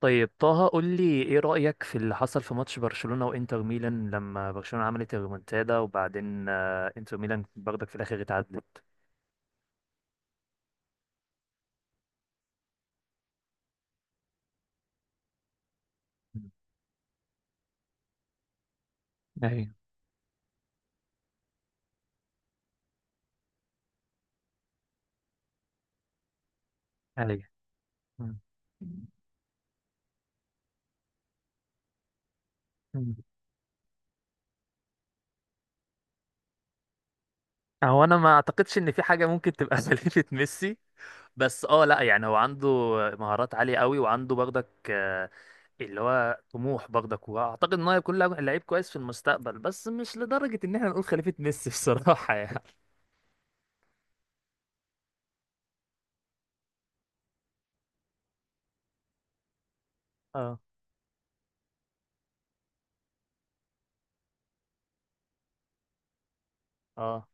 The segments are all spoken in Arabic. طيب طه قول لي ايه رأيك في اللي حصل في ماتش برشلونة وانتر ميلان لما برشلونة عملت الريمونتادا وبعدين انتر ميلان برضك في الاخر اتعدت. ايوه. ايوه مم. مم. هو انا ما اعتقدش ان في حاجة ممكن تبقى سليمة ميسي. بس اه لا، يعني هو عنده مهارات عالية قوي، وعنده برضك اللي هو طموح برضك، واعتقد ان هو هيكون لاعب لعيب كويس في المستقبل، بس مش لدرجة ان احنا نقول خليفة ميسي بصراحة يعني. اه. اه.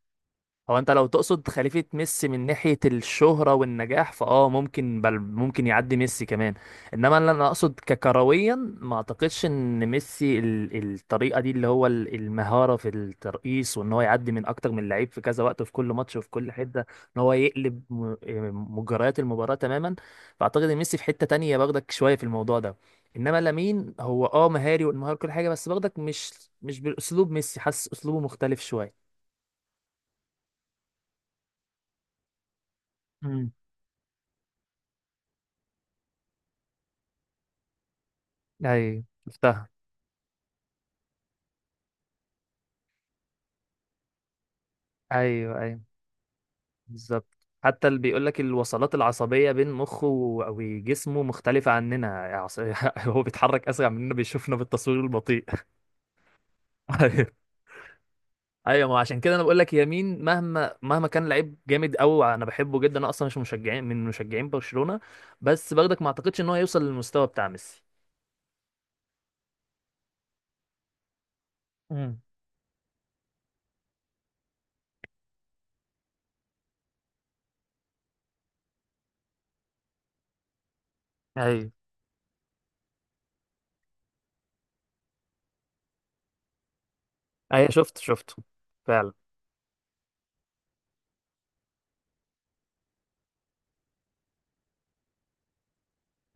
هو انت لو تقصد خليفة ميسي من ناحية الشهرة والنجاح فاه ممكن، بل ممكن يعدي ميسي كمان. انما اللي انا اقصد ككرويا، ما اعتقدش ان ميسي الطريقة دي، اللي هو المهارة في الترقيص، وان هو يعدي من اكتر من لعيب في كذا وقت وفي كل ماتش وفي كل حتة، ان هو يقلب مجريات المباراة تماما. فاعتقد ان ميسي في حتة تانية، باخدك شوية في الموضوع ده. انما لامين هو اه مهاري، والمهارة كل حاجة، بس باخدك مش بالاسلوب ميسي، حاسس اسلوبه مختلف شوية. ايوه. شفتها. ايوه. بالظبط، حتى اللي بيقول لك الوصلات العصبيه بين مخه وجسمه مختلفه عننا. عص- هو بيتحرك اسرع مننا، بيشوفنا بالتصوير البطيء. ايوه. ايوه ما عشان كده انا بقول لك يمين، مهما كان لعيب جامد قوي، انا بحبه جدا، انا اصلا مش مشجعين من مشجعين برشلونه، بس برضك ما اعتقدش ان هو يوصل للمستوى بتاع ميسي. امم. ايوه. شفته فعلا.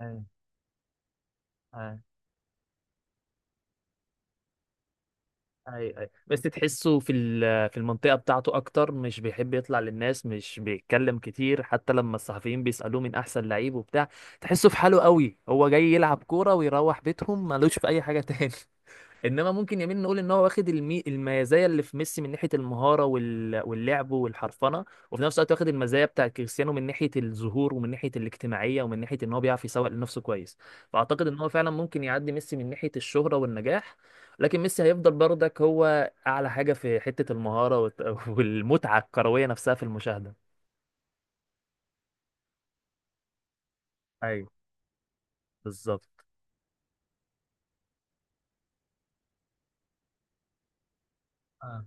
ايوه. ايوه اي اي، بس تحسه في المنطقه بتاعته اكتر، مش بيحب يطلع للناس، مش بيتكلم كتير، حتى لما الصحفيين بيسالوه من احسن لعيب وبتاع. تحسه في حاله قوي، هو جاي يلعب كوره ويروح بيتهم، ملوش في اي حاجه تاني. انما ممكن يمين نقول ان هو واخد المي... المزايا اللي في ميسي من ناحيه المهاره وال... واللعب والحرفنه، وفي نفس الوقت واخد المزايا بتاع كريستيانو من ناحيه الظهور ومن ناحيه الاجتماعيه ومن ناحيه ان هو بيعرف يسوق لنفسه كويس. فاعتقد ان هو فعلا ممكن يعدي ميسي من ناحيه الشهره والنجاح، لكن ميسي هيفضل برضك هو اعلى حاجه في حته المهاره والت... والمتعه الكرويه نفسها في المشاهده. ايوه. بالظبط. آه.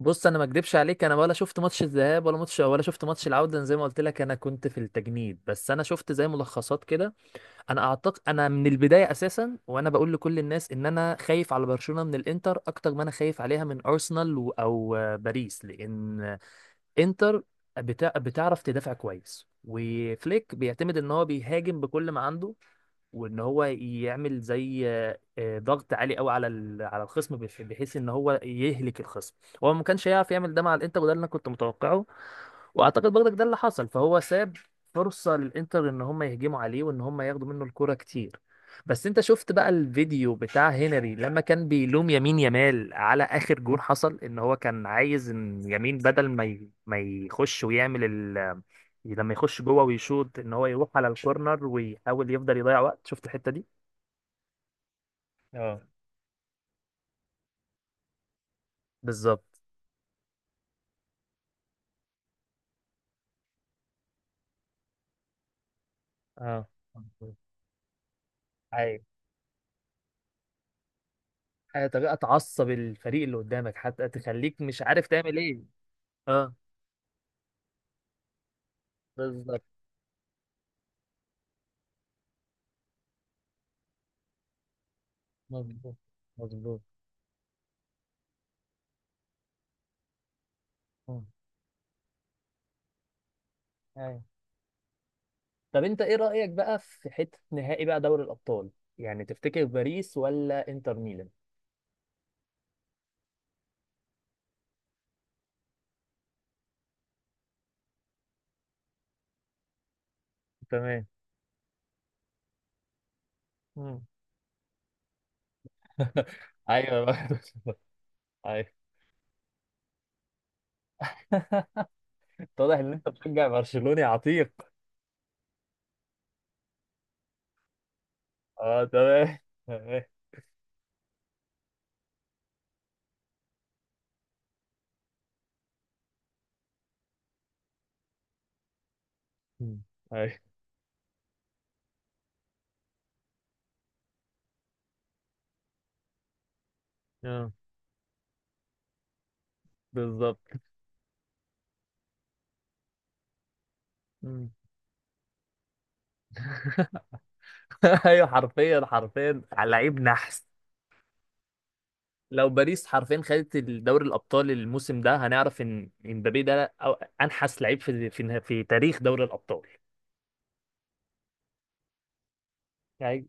بص انا ما اكدبش عليك، انا ولا شفت ماتش الذهاب ولا ماتش، ولا شفت ماتش العوده، أنا زي ما قلت لك انا كنت في التجنيد، بس انا شفت زي ملخصات كده. انا اعتقد انا من البدايه اساسا، وانا بقول لكل الناس، ان انا خايف على برشلونه من الانتر اكتر ما انا خايف عليها من ارسنال او باريس، لان انتر بتعرف تدافع كويس، وفليك بيعتمد ان هو بيهاجم بكل ما عنده، وان هو يعمل زي ضغط عالي قوي على الخصم، بحيث ان هو يهلك الخصم. هو ما كانش هيعرف يعمل ده مع الانتر، وده اللي انا كنت متوقعه، واعتقد برضك ده اللي حصل. فهو ساب فرصة للانتر ان هم يهجموا عليه وان هم ياخدوا منه الكرة كتير. بس انت شفت بقى الفيديو بتاع هنري لما كان بيلوم يمين يمال على اخر جون حصل، ان هو كان عايز ان يمين بدل ما يخش ويعمل، لما يخش جوه ويشوط، ان هو يروح على الكورنر ويحاول يفضل يضيع وقت. شفت الحتة دي؟ اه. بالظبط. اه. ايوه. حاجة، طريقة تعصب الفريق اللي قدامك حتى تخليك مش عارف تعمل ايه. اه. بالظبط. مظبوط مظبوط. مم. ايوه. طب انت ايه رأيك بقى في حتة نهائي بقى دوري الأبطال، يعني تفتكر باريس ولا انتر ميلان؟ تمام. مم. ايوه بقى. ايوه. واضح ان انت بتشجع برشلوني عتيق. اه تمام. مم. ايوه. اه. بالظبط. مم. ايوه، حرفيا حرفيا، على لعيب نحس. لو باريس حرفيا خدت الدوري الابطال الموسم ده، هنعرف ان امبابي ده أو انحس لعيب في تاريخ دوري الابطال. يعني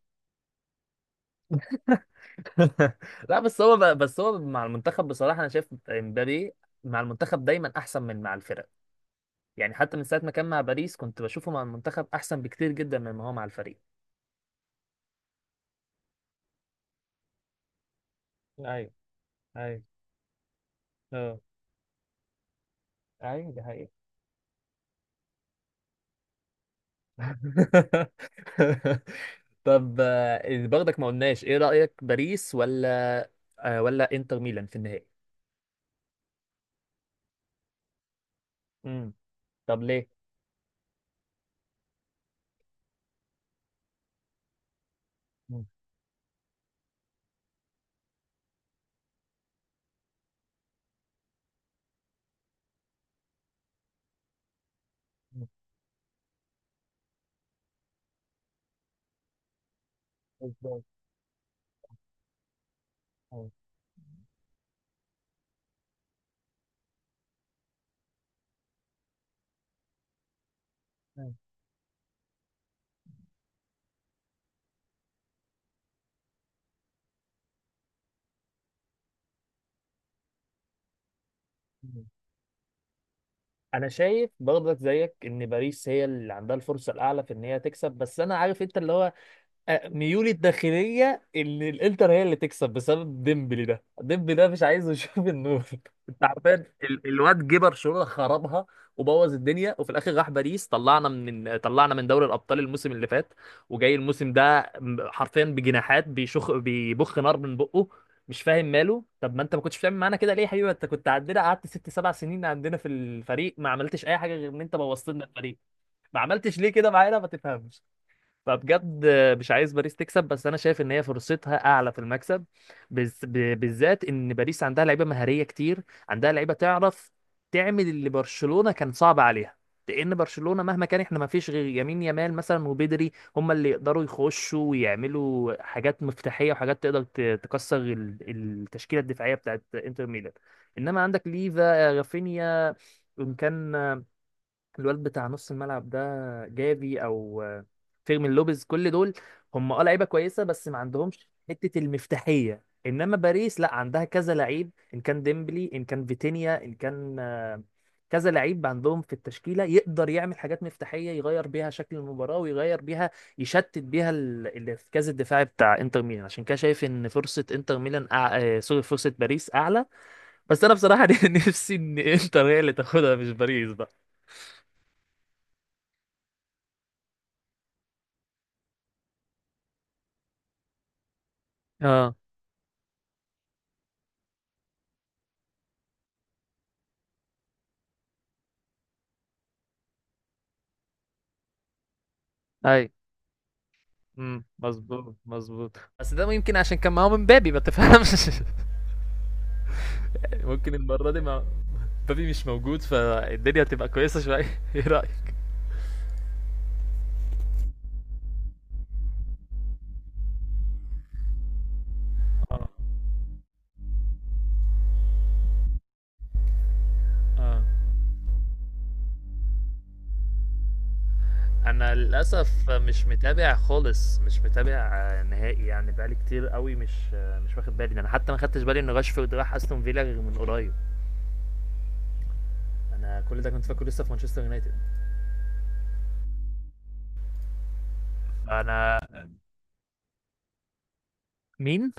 لا بس هو بس هو مع المنتخب، بصراحه انا شايف امبابي مع المنتخب دايما احسن من مع الفرق. يعني حتى من ساعه ما كان مع باريس، كنت بشوفه مع المنتخب احسن بكتير جدا مما هو مع الفريق. ايوه. ايوه اه. ايوه دي حقيقة. طب برضك ما قلناش ايه رأيك، باريس ولا ولا انتر ميلان في النهائي؟ امم. طب ليه؟ مم. مم. إزاي؟ أه. أه. مم. انا شايف برضك زيك ان باريس هي اللي عندها الفرصة الاعلى في ان هي تكسب. بس انا عارف انت اللي هو ميولي الداخلية ان الانتر هي اللي تكسب بسبب ديمبلي. ده ديمبلي ده مش عايز يشوف النور انت عارفين الواد جه برشلونة خربها وبوظ الدنيا، وفي الاخر راح باريس، طلعنا من طلعنا من دوري الابطال الموسم اللي فات، وجاي الموسم ده حرفيا بجناحات بيشخ بيبخ نار من بقه. مش فاهم ماله. طب ما انت ما كنتش بتعمل معانا كده ليه يا حبيبي؟ انت كنت عندنا قعدت ست سبع سنين عندنا في الفريق، ما عملتش اي حاجه غير ان انت بوظت لنا الفريق. ما عملتش ليه كده معانا؟ ما تفهمش. فبجد مش عايز باريس تكسب، بس انا شايف ان هي فرصتها اعلى في المكسب، بالذات ان باريس عندها لعيبه مهاريه كتير. عندها لعيبه تعرف تعمل اللي برشلونه كان صعب عليها، لان برشلونه مهما كان احنا ما فيش غير يمين يامال مثلا وبدري هم اللي يقدروا يخشوا ويعملوا حاجات مفتاحيه وحاجات تقدر تكسر التشكيله الدفاعيه بتاعت انتر ميلان. انما عندك ليفا، رافينيا، ان كان الواد بتاع نص الملعب ده جافي او فيرمين لوبيز، كل دول هم اه لعيبه كويسه بس ما عندهمش حته المفتاحيه. انما باريس لا، عندها كذا لعيب، ان كان ديمبلي ان كان فيتينيا ان كان كذا لعيب عندهم في التشكيله يقدر يعمل حاجات مفتاحيه يغير بيها شكل المباراه، ويغير بيها يشتت بيها الارتكاز الدفاعي بتاع انتر ميلان. عشان كده شايف ان فرصه انتر ميلان أع... سوري، فرصه باريس اعلى. بس انا بصراحه نفسي ان انتر هي اللي تاخدها، مش باريس بقى. اه. ايوه. امم، مظبوط. بس ده يمكن عشان كان معاهم مبابي، ما تفهمش ممكن المرة دي مع مبابي مش موجود فالدنيا تبقى كويسة شوية. ايه رأيك؟ اه. اه. انا للاسف مش متابع خالص، مش متابع نهائي، يعني بقالي كتير قوي مش مش واخد بالي. انا حتى ما خدتش بالي ان راشفورد راح استون فيلا غير من قريب، انا كل ده كنت فاكره لسه في مانشستر يونايتد. انا مين؟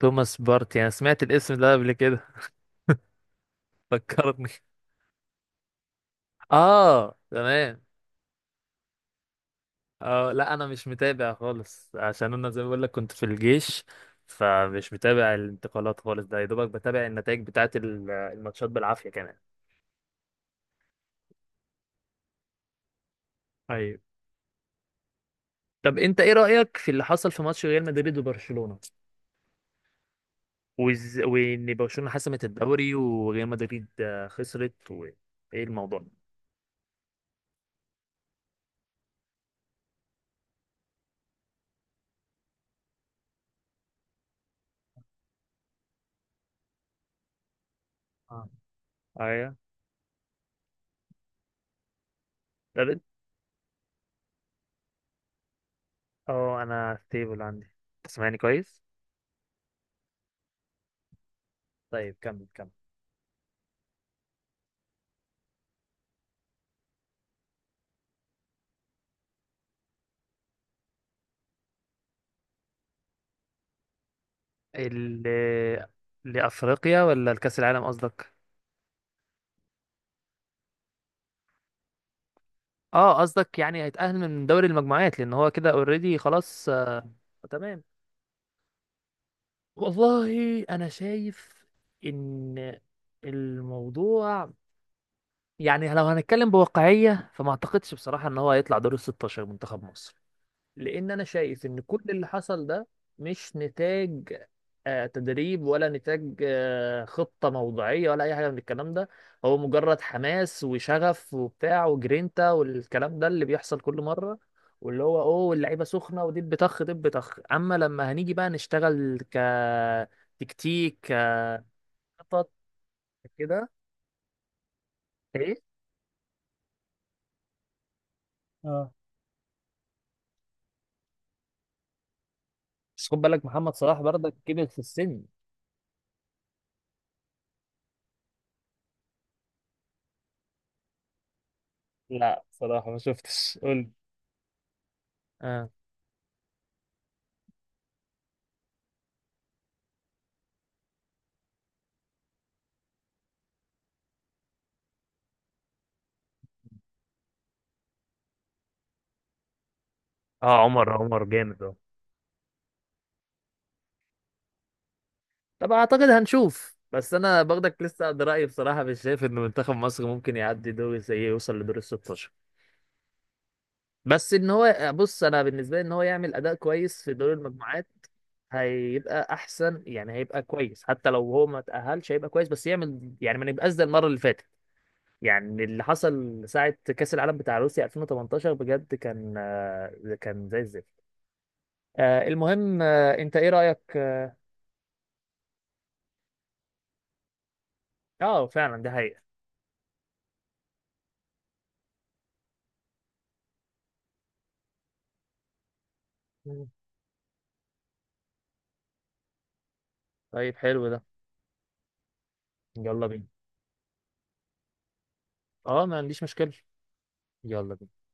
توماس بارتي؟ انا سمعت الاسم ده قبل كده، فكرني. اه تمام. اه لا انا مش متابع خالص، عشان انا زي ما بقول لك كنت في الجيش، فمش متابع الانتقالات خالص، ده يا دوبك بتابع النتائج بتاعه الماتشات بالعافيه كمان. ايوه. طب انت ايه رايك في اللي حصل في ماتش ريال مدريد وبرشلونه، وان برشلونه حسمت الدوري وريال مدريد خسرت وايه الموضوع ده؟ اه. ايوه. طب انت. اه انا ستيبل عندي، تسمعني كويس؟ طيب كمل كمل. ال لافريقيا ولا الكاس العالم قصدك؟ اه قصدك يعني هيتأهل من دوري المجموعات، لان هو كده اوريدي خلاص آه. تمام. والله انا شايف ان الموضوع، يعني لو هنتكلم بواقعية فما اعتقدش بصراحة ان هو هيطلع دور ال 16 منتخب مصر. لان انا شايف ان كل اللي حصل ده مش نتاج تدريب، ولا نتاج خطة موضوعية، ولا اي حاجة من الكلام ده. هو مجرد حماس وشغف وبتاع وجرينتا والكلام ده اللي بيحصل كل مرة، واللي هو اوه اللعيبة سخنة ودب طخ دب طخ. اما لما هنيجي بقى نشتغل كتكتيك، كخطط كده. ايه. اه. بس خد بالك محمد صلاح برضك كبر في السن. لا صراحة ما شفتش، قول. اه. اه. عمر جامد. طب اعتقد هنشوف. بس انا باخدك لسه قد رايي بصراحه مش شايف ان منتخب مصر ممكن يعدي دور زي إيه، يوصل لدور ال 16. بس ان هو بص، انا بالنسبه لي ان هو يعمل اداء كويس في دور المجموعات هيبقى احسن، يعني هيبقى كويس حتى لو هو ما تاهلش هيبقى كويس، بس يعمل يعني ما نبقاش زي المره اللي فاتت. يعني اللي حصل ساعه كاس العالم بتاع روسيا 2018 بجد كان كان زي الزفت. المهم، انت ايه رايك؟ اه. فعلا ده حقيقه. مم. طيب حلو ده، يلا بينا. اه ما عنديش مشكلة، يلا بينا.